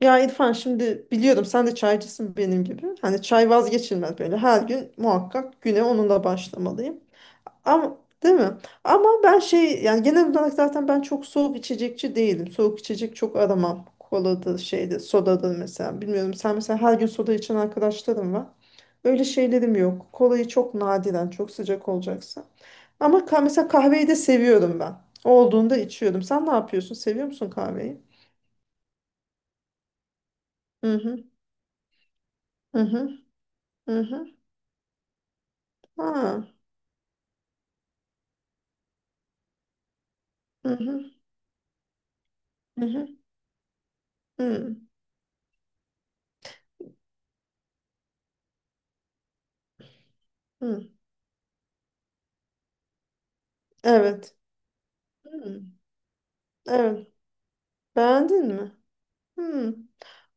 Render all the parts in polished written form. Ya İrfan şimdi biliyorum sen de çaycısın benim gibi. Hani çay vazgeçilmez böyle. Her gün muhakkak güne onunla başlamalıyım. Ama değil mi? Ama ben şey yani genel olarak zaten ben çok soğuk içecekçi değilim. Soğuk içecek çok aramam. Koladır şeydir, sodadır mesela. Bilmiyorum sen mesela her gün soda içen arkadaşlarım var. Öyle şeylerim yok. Kolayı çok nadiren, çok sıcak olacaksa. Ama mesela kahveyi de seviyorum ben. Olduğunda içiyorum. Sen ne yapıyorsun? Seviyor musun kahveyi? Hı hı. Hı hı. Hı hı. Ha. Hı hı. Hı hı. Hı. Hı. Evet. Hı. Evet. Beğendin mi? Hı.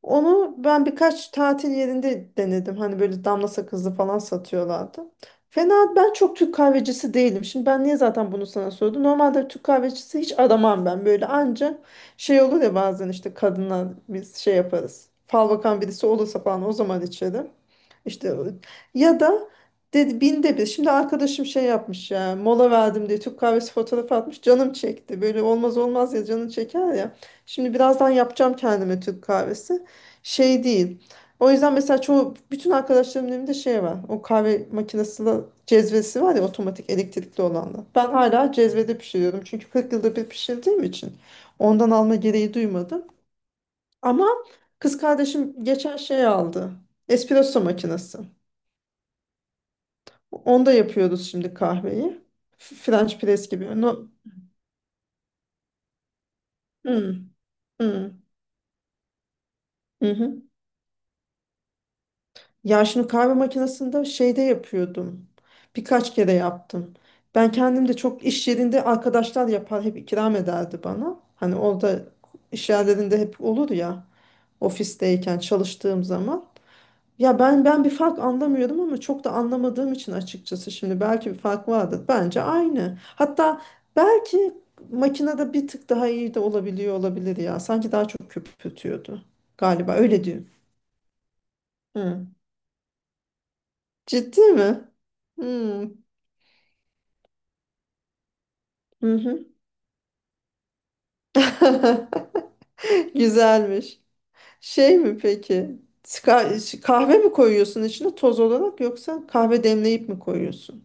Onu ben birkaç tatil yerinde denedim. Hani böyle damla sakızlı falan satıyorlardı. Fena ben çok Türk kahvecisi değilim. Şimdi ben niye zaten bunu sana sordum? Normalde Türk kahvecisi hiç aramam ben. Böyle anca şey olur ya bazen işte kadınlar biz şey yaparız. Fal bakan birisi olursa falan o zaman içerim. İşte ya da dedi binde bir. Şimdi arkadaşım şey yapmış ya mola verdim diye Türk kahvesi fotoğrafı atmış canım çekti. Böyle olmaz olmaz ya canın çeker ya. Şimdi birazdan yapacağım kendime Türk kahvesi. Şey değil. O yüzden mesela çoğu bütün arkadaşlarımın evinde şey var. O kahve makinesiyle cezvesi var ya otomatik elektrikli olanla. Ben hala cezvede pişiriyorum. Çünkü 40 yılda bir pişirdiğim için ondan alma gereği duymadım. Ama kız kardeşim geçen şey aldı. Espresso makinesi. Onda yapıyoruz şimdi kahveyi. French press gibi. No, hmm, hmm, mhm. Ya şimdi kahve makinesinde şeyde yapıyordum. Birkaç kere yaptım. Ben kendim de çok iş yerinde arkadaşlar yapar hep ikram ederdi bana. Hani orada iş yerlerinde hep olur ya ofisteyken çalıştığım zaman. Ya ben bir fark anlamıyordum ama çok da anlamadığım için açıkçası şimdi belki bir fark vardır. Bence aynı. Hatta belki makinede bir tık daha iyi de olabiliyor olabilir ya. Sanki daha çok köpürtüyordu. Galiba öyle diyorum. Hı. Ciddi mi? Hmm. Hı hı. Güzelmiş. Şey mi peki? Kahve mi koyuyorsun içine toz olarak yoksa kahve demleyip mi koyuyorsun?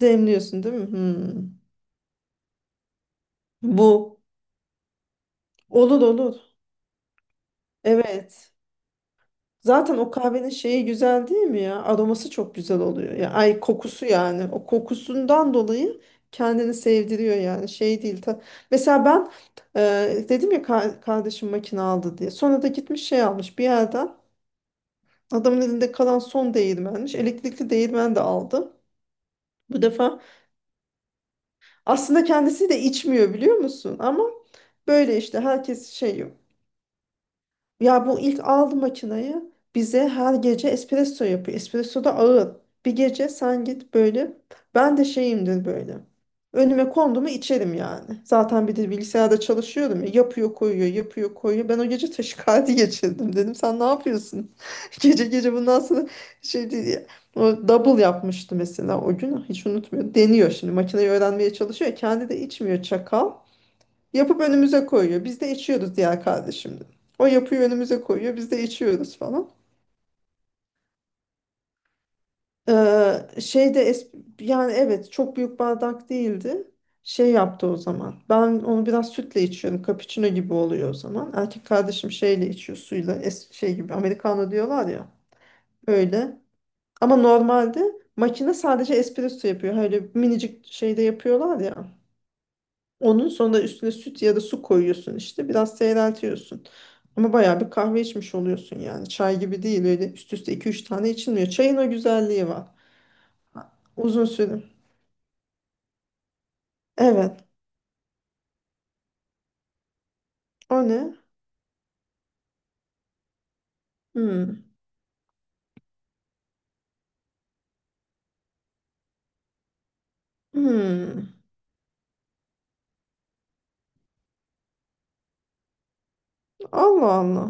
Demliyorsun değil mi? Hmm. Bu olur olur. Evet. Zaten o kahvenin şeyi güzel değil mi ya? Aroması çok güzel oluyor. Ya, ay kokusu yani. O kokusundan dolayı kendini sevdiriyor yani. Şey değil. Ta... Mesela ben dedim ya kardeşim makine aldı diye. Sonra da gitmiş şey almış bir yerden. Adamın elinde kalan son değirmenmiş. Elektrikli değirmen de aldı. Bu defa aslında kendisi de içmiyor biliyor musun? Ama böyle işte herkes şey. Ya bu ilk aldı makinayı, bize her gece espresso yapıyor. Espresso da ağır. Bir gece sen git böyle. Ben de şeyimdir böyle. Önüme kondu mu içerim yani. Zaten bir de bilgisayarda çalışıyorum ya. Yapıyor koyuyor yapıyor koyuyor. Ben o gece taşikardi geçirdim dedim. Sen ne yapıyorsun? Gece gece bundan sonra şey değil ya. O double yapmıştı mesela o gün. Hiç unutmuyorum. Deniyor şimdi. Makineyi öğrenmeye çalışıyor. Kendi de içmiyor çakal. Yapıp önümüze koyuyor. Biz de içiyoruz diğer kardeşimle. O yapıyor önümüze koyuyor. Biz de içiyoruz falan. Şeyde yani evet çok büyük bardak değildi. Şey yaptı o zaman. Ben onu biraz sütle içiyorum. Cappuccino gibi oluyor o zaman. Erkek kardeşim şeyle içiyor suyla. Es şey gibi Americano diyorlar ya. Öyle. Ama normalde makine sadece espresso yapıyor. Öyle minicik şeyde yapıyorlar ya. Onun sonra üstüne süt ya da su koyuyorsun işte. Biraz seyreltiyorsun. Ama bayağı bir kahve içmiş oluyorsun yani. Çay gibi değil öyle üst üste 2-3 tane içilmiyor. Çayın o güzelliği var. Uzun süre. Evet. O ne? Hmm. Hmm. Allah Allah.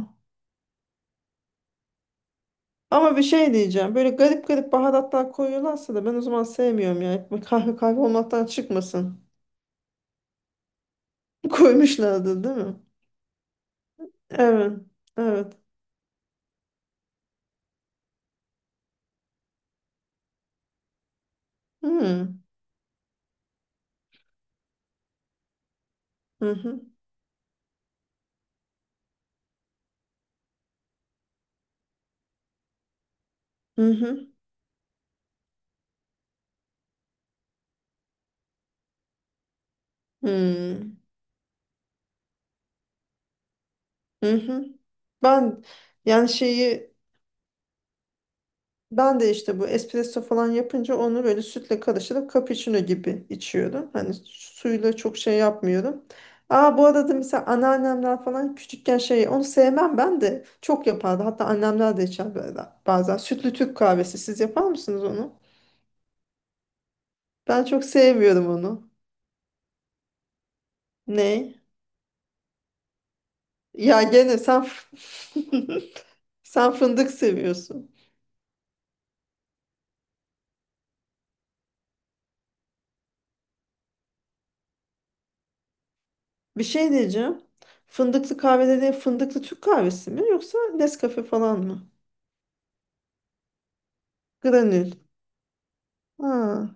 Ama bir şey diyeceğim. Böyle garip garip baharatlar koyuyorlarsa da ben o zaman sevmiyorum ya. Hep kahve kahve olmaktan çıkmasın. Koymuşlardı değil mi? Evet. Evet. Hmm. Hı hı. Hı hı. Hı hı. Hı hı. Ben yani şeyi, ben de işte bu espresso falan yapınca onu böyle sütle karıştırıp cappuccino gibi içiyorum. Hani suyla çok şey yapmıyorum. Aa, bu arada mesela anneannemler falan küçükken şey onu sevmem ben de çok yapardı. Hatta annemler de içer böyle bazen. Sütlü Türk kahvesi siz yapar mısınız onu? Ben çok sevmiyorum onu. Ne? Ya gene sen, sen fındık seviyorsun. Bir şey diyeceğim. Fındıklı kahve dediğin fındıklı Türk kahvesi mi yoksa Nescafe falan mı? Granül. Ha,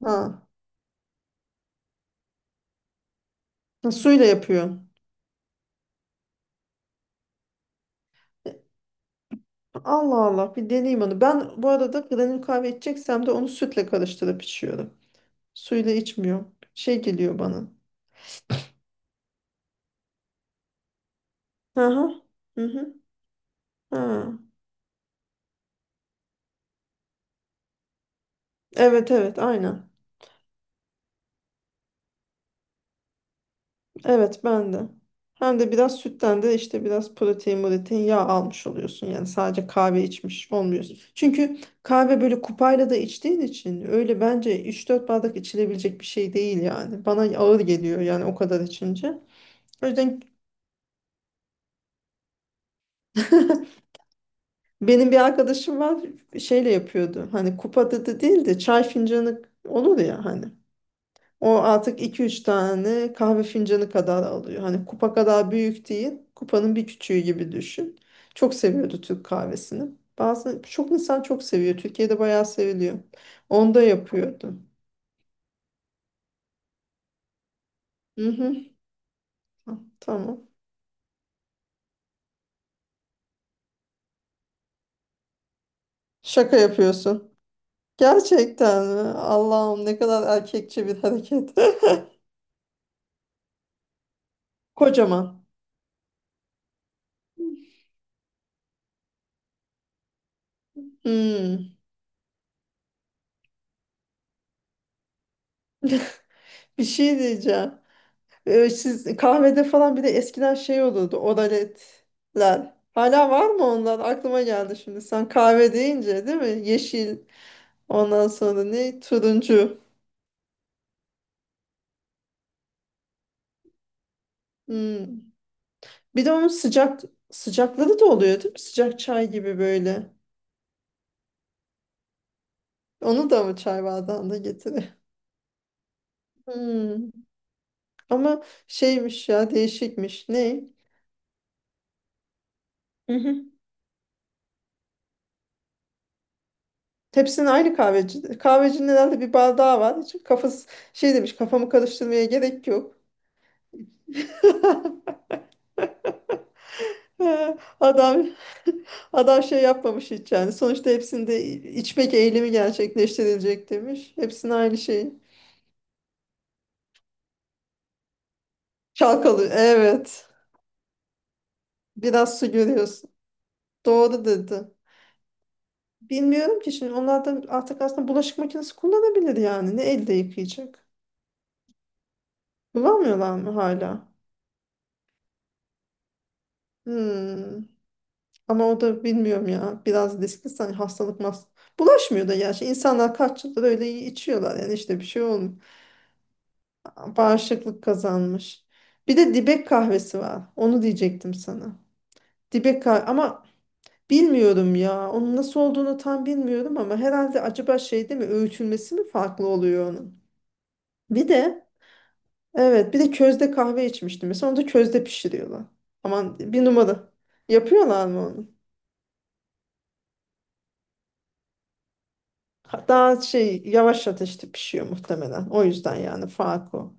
ha. Ha, suyla yapıyorsun. E, Allah Allah bir deneyeyim onu. Ben bu arada granül kahve içeceksem de onu sütle karıştırıp içiyorum. Suyla içmiyorum. Şey geliyor bana. Hı hı. Hı hı. Ha. Evet evet aynen. Evet ben de. Hem de biraz sütten de işte biraz protein, protein, yağ almış oluyorsun. Yani sadece kahve içmiş olmuyorsun. Çünkü kahve böyle kupayla da içtiğin için öyle bence 3-4 bardak içilebilecek bir şey değil yani. Bana ağır geliyor yani o kadar içince. O yüzden benim bir arkadaşım var, şeyle yapıyordu. Hani kupada da değil de çay fincanı olur ya hani. O artık 2-3 tane kahve fincanı kadar alıyor. Hani kupa kadar büyük değil, kupanın bir küçüğü gibi düşün. Çok seviyordu Türk kahvesini. Bazı çok insan çok seviyor. Türkiye'de bayağı seviliyor. Onda yapıyordum. Hı hı. Tamam. Şaka yapıyorsun. Gerçekten mi? Allah'ım ne kadar erkekçe bir hareket. Kocaman. Hmm. Bir şey diyeceğim. Siz kahvede falan bir de eskiden şey olurdu, oraletler. Hala var mı onlar? Aklıma geldi şimdi. Sen kahve deyince değil mi? Yeşil. Ondan sonra ne? Turuncu. Hmm. Bir de onun sıcak sıcakları da oluyor değil mi? Sıcak çay gibi böyle. Onu da mı çay bardağında getirir? Hmm. Ama şeymiş ya değişikmiş. Ne? Hı hı. Hepsinin aynı kahveci. Kahvecinin herhalde bir bardağı var. Hiç kafası şey demiş, kafamı karıştırmaya gerek yok. He, adam adam şey yapmamış hiç yani. Sonuçta hepsinde içmek eğilimi gerçekleştirilecek demiş. Hepsinin aynı şeyi. Çalkalı. Evet. Biraz su görüyorsun. Doğru dedi. Bilmiyorum ki şimdi onlar da artık aslında bulaşık makinesi kullanabilir yani. Ne elde yıkayacak? Kullanmıyorlar mı hala? Hmm. Ama o da bilmiyorum ya. Biraz riskli sanki hastalık mas. Bulaşmıyor da gerçi. İnsanlar kaç yıldır öyle içiyorlar yani işte bir şey olmuyor. Bağışıklık kazanmış. Bir de dibek kahvesi var. Onu diyecektim sana. Dibek kahve ama bilmiyorum ya. Onun nasıl olduğunu tam bilmiyorum ama herhalde acaba şey değil mi? Öğütülmesi mi farklı oluyor onun? Bir de evet bir de közde kahve içmiştim. Mesela onu da közde pişiriyorlar. Aman bir numara. Yapıyorlar mı onu? Daha şey yavaş ateşte pişiyor muhtemelen. O yüzden yani fark o.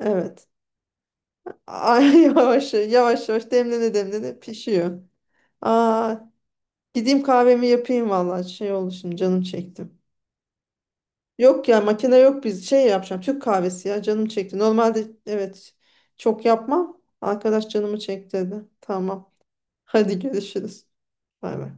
Evet. Ay, yavaş yavaş yavaş demlene demlene pişiyor. Aa, gideyim kahvemi yapayım vallahi şey oldu şimdi canım çekti. Yok ya makine yok biz şey yapacağım Türk kahvesi ya canım çekti. Normalde evet çok yapmam. Arkadaş canımı çekti dedi. Tamam. Hadi görüşürüz. Bay bay.